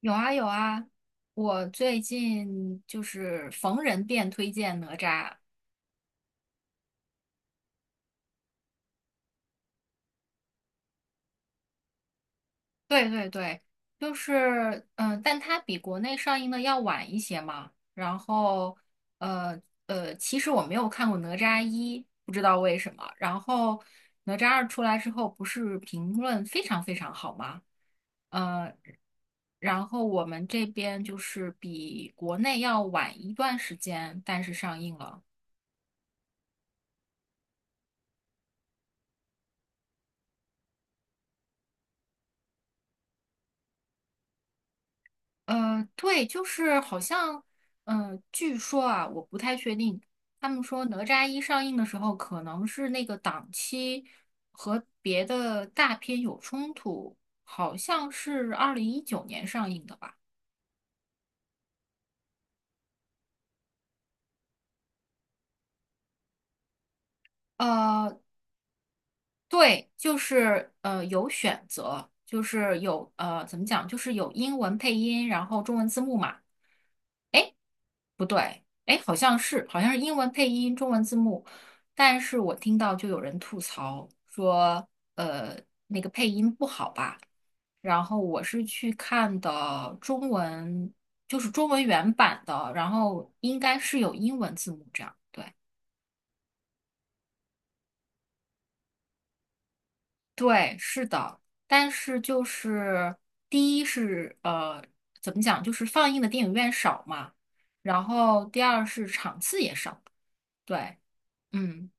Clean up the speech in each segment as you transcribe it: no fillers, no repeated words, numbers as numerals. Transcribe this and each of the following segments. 有啊有啊，我最近就是逢人便推荐哪吒，对对对，就是但它比国内上映的要晚一些嘛。然后呃其实我没有看过哪吒一，不知道为什么。然后哪吒二出来之后，不是评论非常非常好吗？呃，然后我们这边就是比国内要晚一段时间，但是上映了。对，就是好像，据说啊，我不太确定。他们说《哪吒一》上映的时候，可能是那个档期和别的大片有冲突，好像是2019年上映的吧？呃，对，就是有选择，就是有怎么讲，就是有英文配音，然后中文字幕嘛。不对，哎，好像是英文配音，中文字幕。但是我听到就有人吐槽说，呃，那个配音不好吧？然后我是去看的中文，就是中文原版的，然后应该是有英文字幕这样。对，对，是的。但是就是第一是怎么讲，就是放映的电影院少嘛，然后第二是场次也少。对，嗯。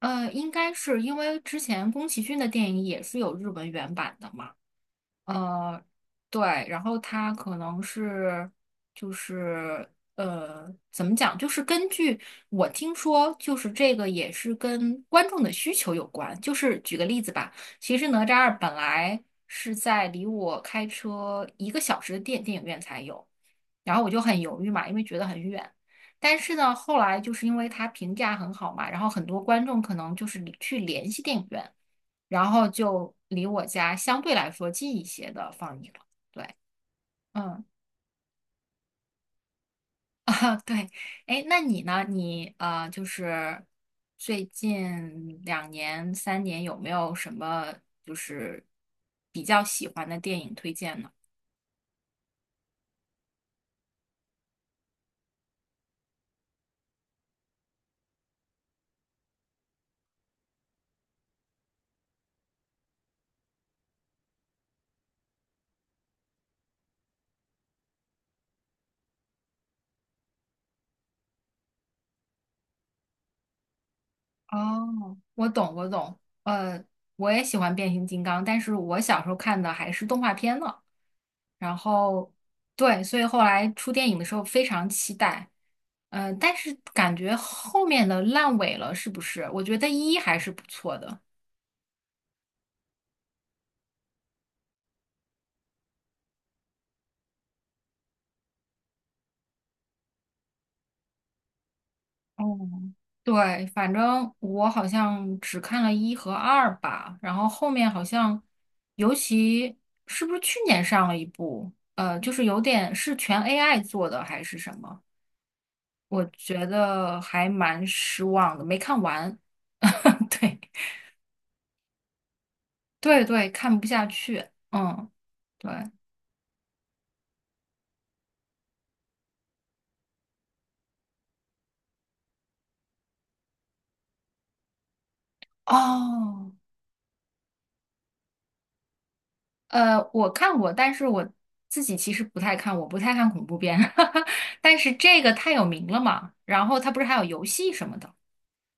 应该是因为之前宫崎骏的电影也是有日文原版的嘛，呃，对，然后他可能是就是怎么讲，就是根据我听说，就是这个也是跟观众的需求有关。就是举个例子吧，其实哪吒二本来是在离我开车1个小时的电影院才有。然后我就很犹豫嘛，因为觉得很远。但是呢，后来就是因为它评价很好嘛，然后很多观众可能就是去联系电影院，然后就离我家相对来说近一些的放映了。对，嗯，啊，对，哎，那你呢？你就是最近2年、3年有没有什么就是比较喜欢的电影推荐呢？哦，我懂，我懂。呃，我也喜欢变形金刚，但是我小时候看的还是动画片呢。然后，对，所以后来出电影的时候非常期待。嗯，但是感觉后面的烂尾了，是不是？我觉得一还是不错的。哦，对，反正我好像只看了一和二吧，然后后面好像，尤其是不是去年上了一部，就是有点是全 AI 做的还是什么？我觉得还蛮失望的，没看完。对对对，看不下去。嗯，对。哦，我看过，但是我自己其实不太看，我不太看恐怖片。但是这个太有名了嘛，然后它不是还有游戏什么的，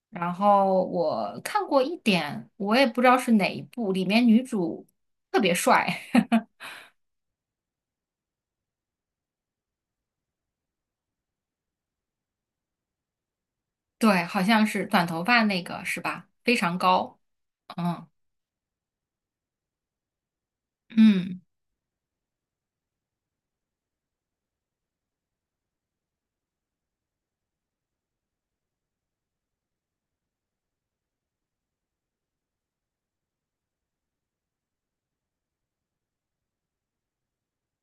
然后我看过一点，我也不知道是哪一部，里面女主特别帅，对，好像是短头发那个是吧？非常高。嗯嗯。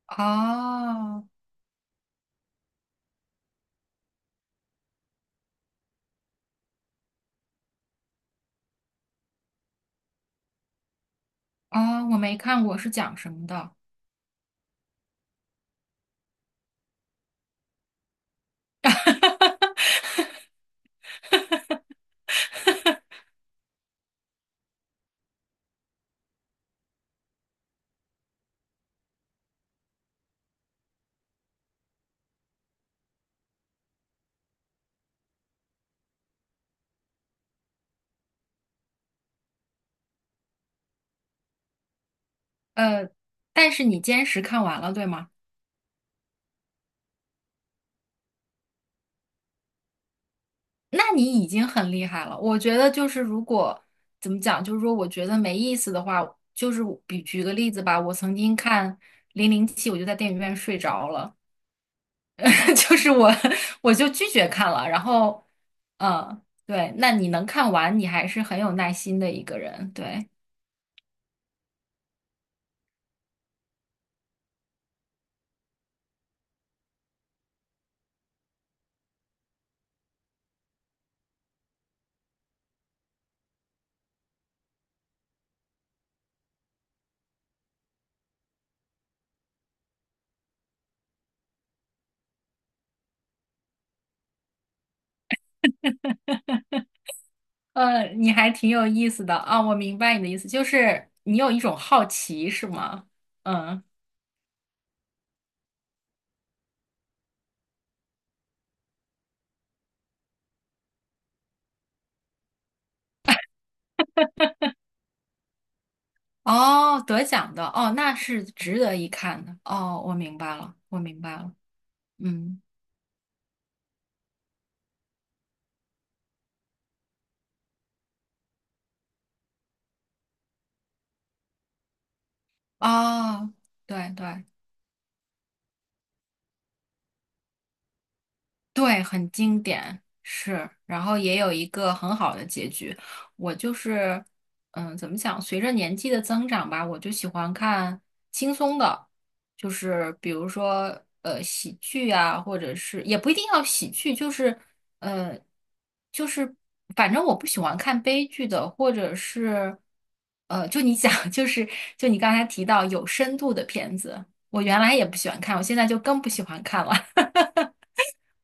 哦哦，我没看过，是讲什么的？呃，但是你坚持看完了，对吗？那你已经很厉害了。我觉得就是如果怎么讲，就是说我觉得没意思的话，就是比举个例子吧，我曾经看《007》，我就在电影院睡着了，就是我就拒绝看了。然后，嗯，对，那你能看完，你还是很有耐心的一个人，对。你还挺有意思的啊，我明白你的意思，就是你有一种好奇，是吗？嗯，哦，得奖的，哦，那是值得一看的，哦，我明白了，我明白了，嗯，哦，对对。对，很经典，是，然后也有一个很好的结局。我就是，嗯，怎么讲？随着年纪的增长吧，我就喜欢看轻松的，就是比如说喜剧啊，或者是也不一定要喜剧，就是呃就是反正我不喜欢看悲剧的，或者是就你讲 就是就你刚才提到有深度的片子，我原来也不喜欢看，我现在就更不喜欢看了。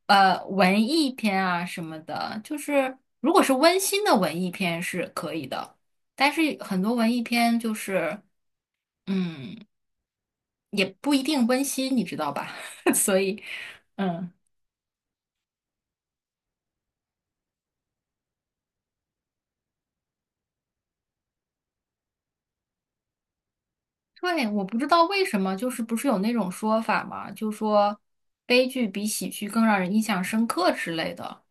文艺片啊什么的，就是如果是温馨的文艺片是可以的，但是很多文艺片就是，嗯，也不一定温馨，你知道吧？所以，嗯，对，我不知道为什么，就是不是有那种说法嘛，就说悲剧比喜剧更让人印象深刻之类的，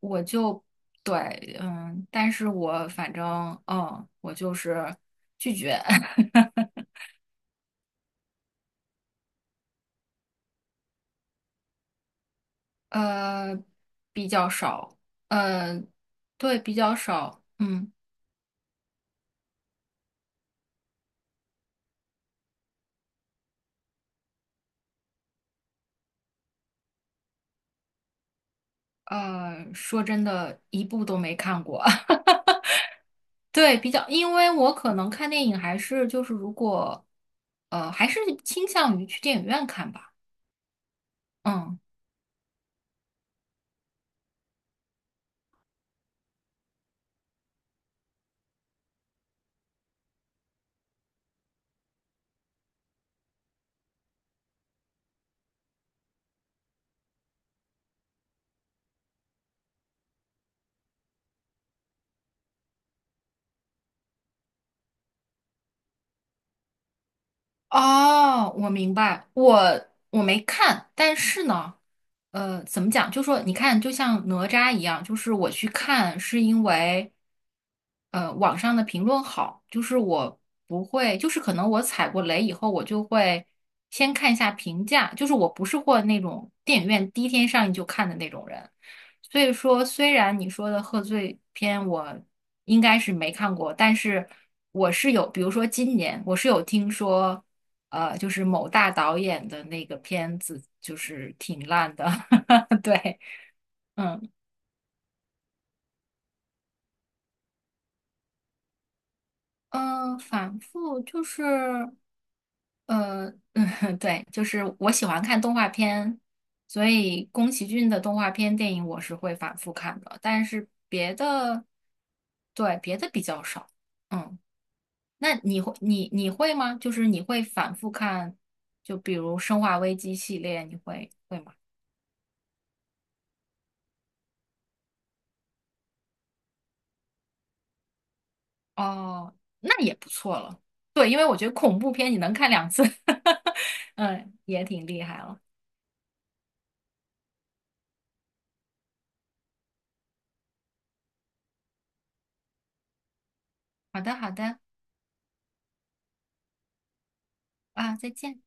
我就对，嗯，但是我反正，嗯，我就是拒绝。呃，比较少，呃，对，比较少，嗯，说真的，一部都没看过。对，比较，因为我可能看电影还是就是如果，还是倾向于去电影院看吧。嗯。哦，我明白，我没看，但是呢，怎么讲？就说你看，就像哪吒一样，就是我去看是因为，网上的评论好，就是我不会，就是可能我踩过雷以后，我就会先看一下评价，就是我不是或那种电影院第一天上映就看的那种人，所以说，虽然你说的贺岁片我应该是没看过，但是我是有，比如说今年我是有听说。就是某大导演的那个片子，就是挺烂的。对，嗯嗯，反复就是呃，嗯，对，就是我喜欢看动画片，所以宫崎骏的动画片电影我是会反复看的，但是别的，对，别的比较少。嗯，那你会你会吗？就是你会反复看，就比如《生化危机》系列，你会吗？哦，那也不错了。对，因为我觉得恐怖片你能看2次，嗯，也挺厉害了。好的，好的，啊，再见。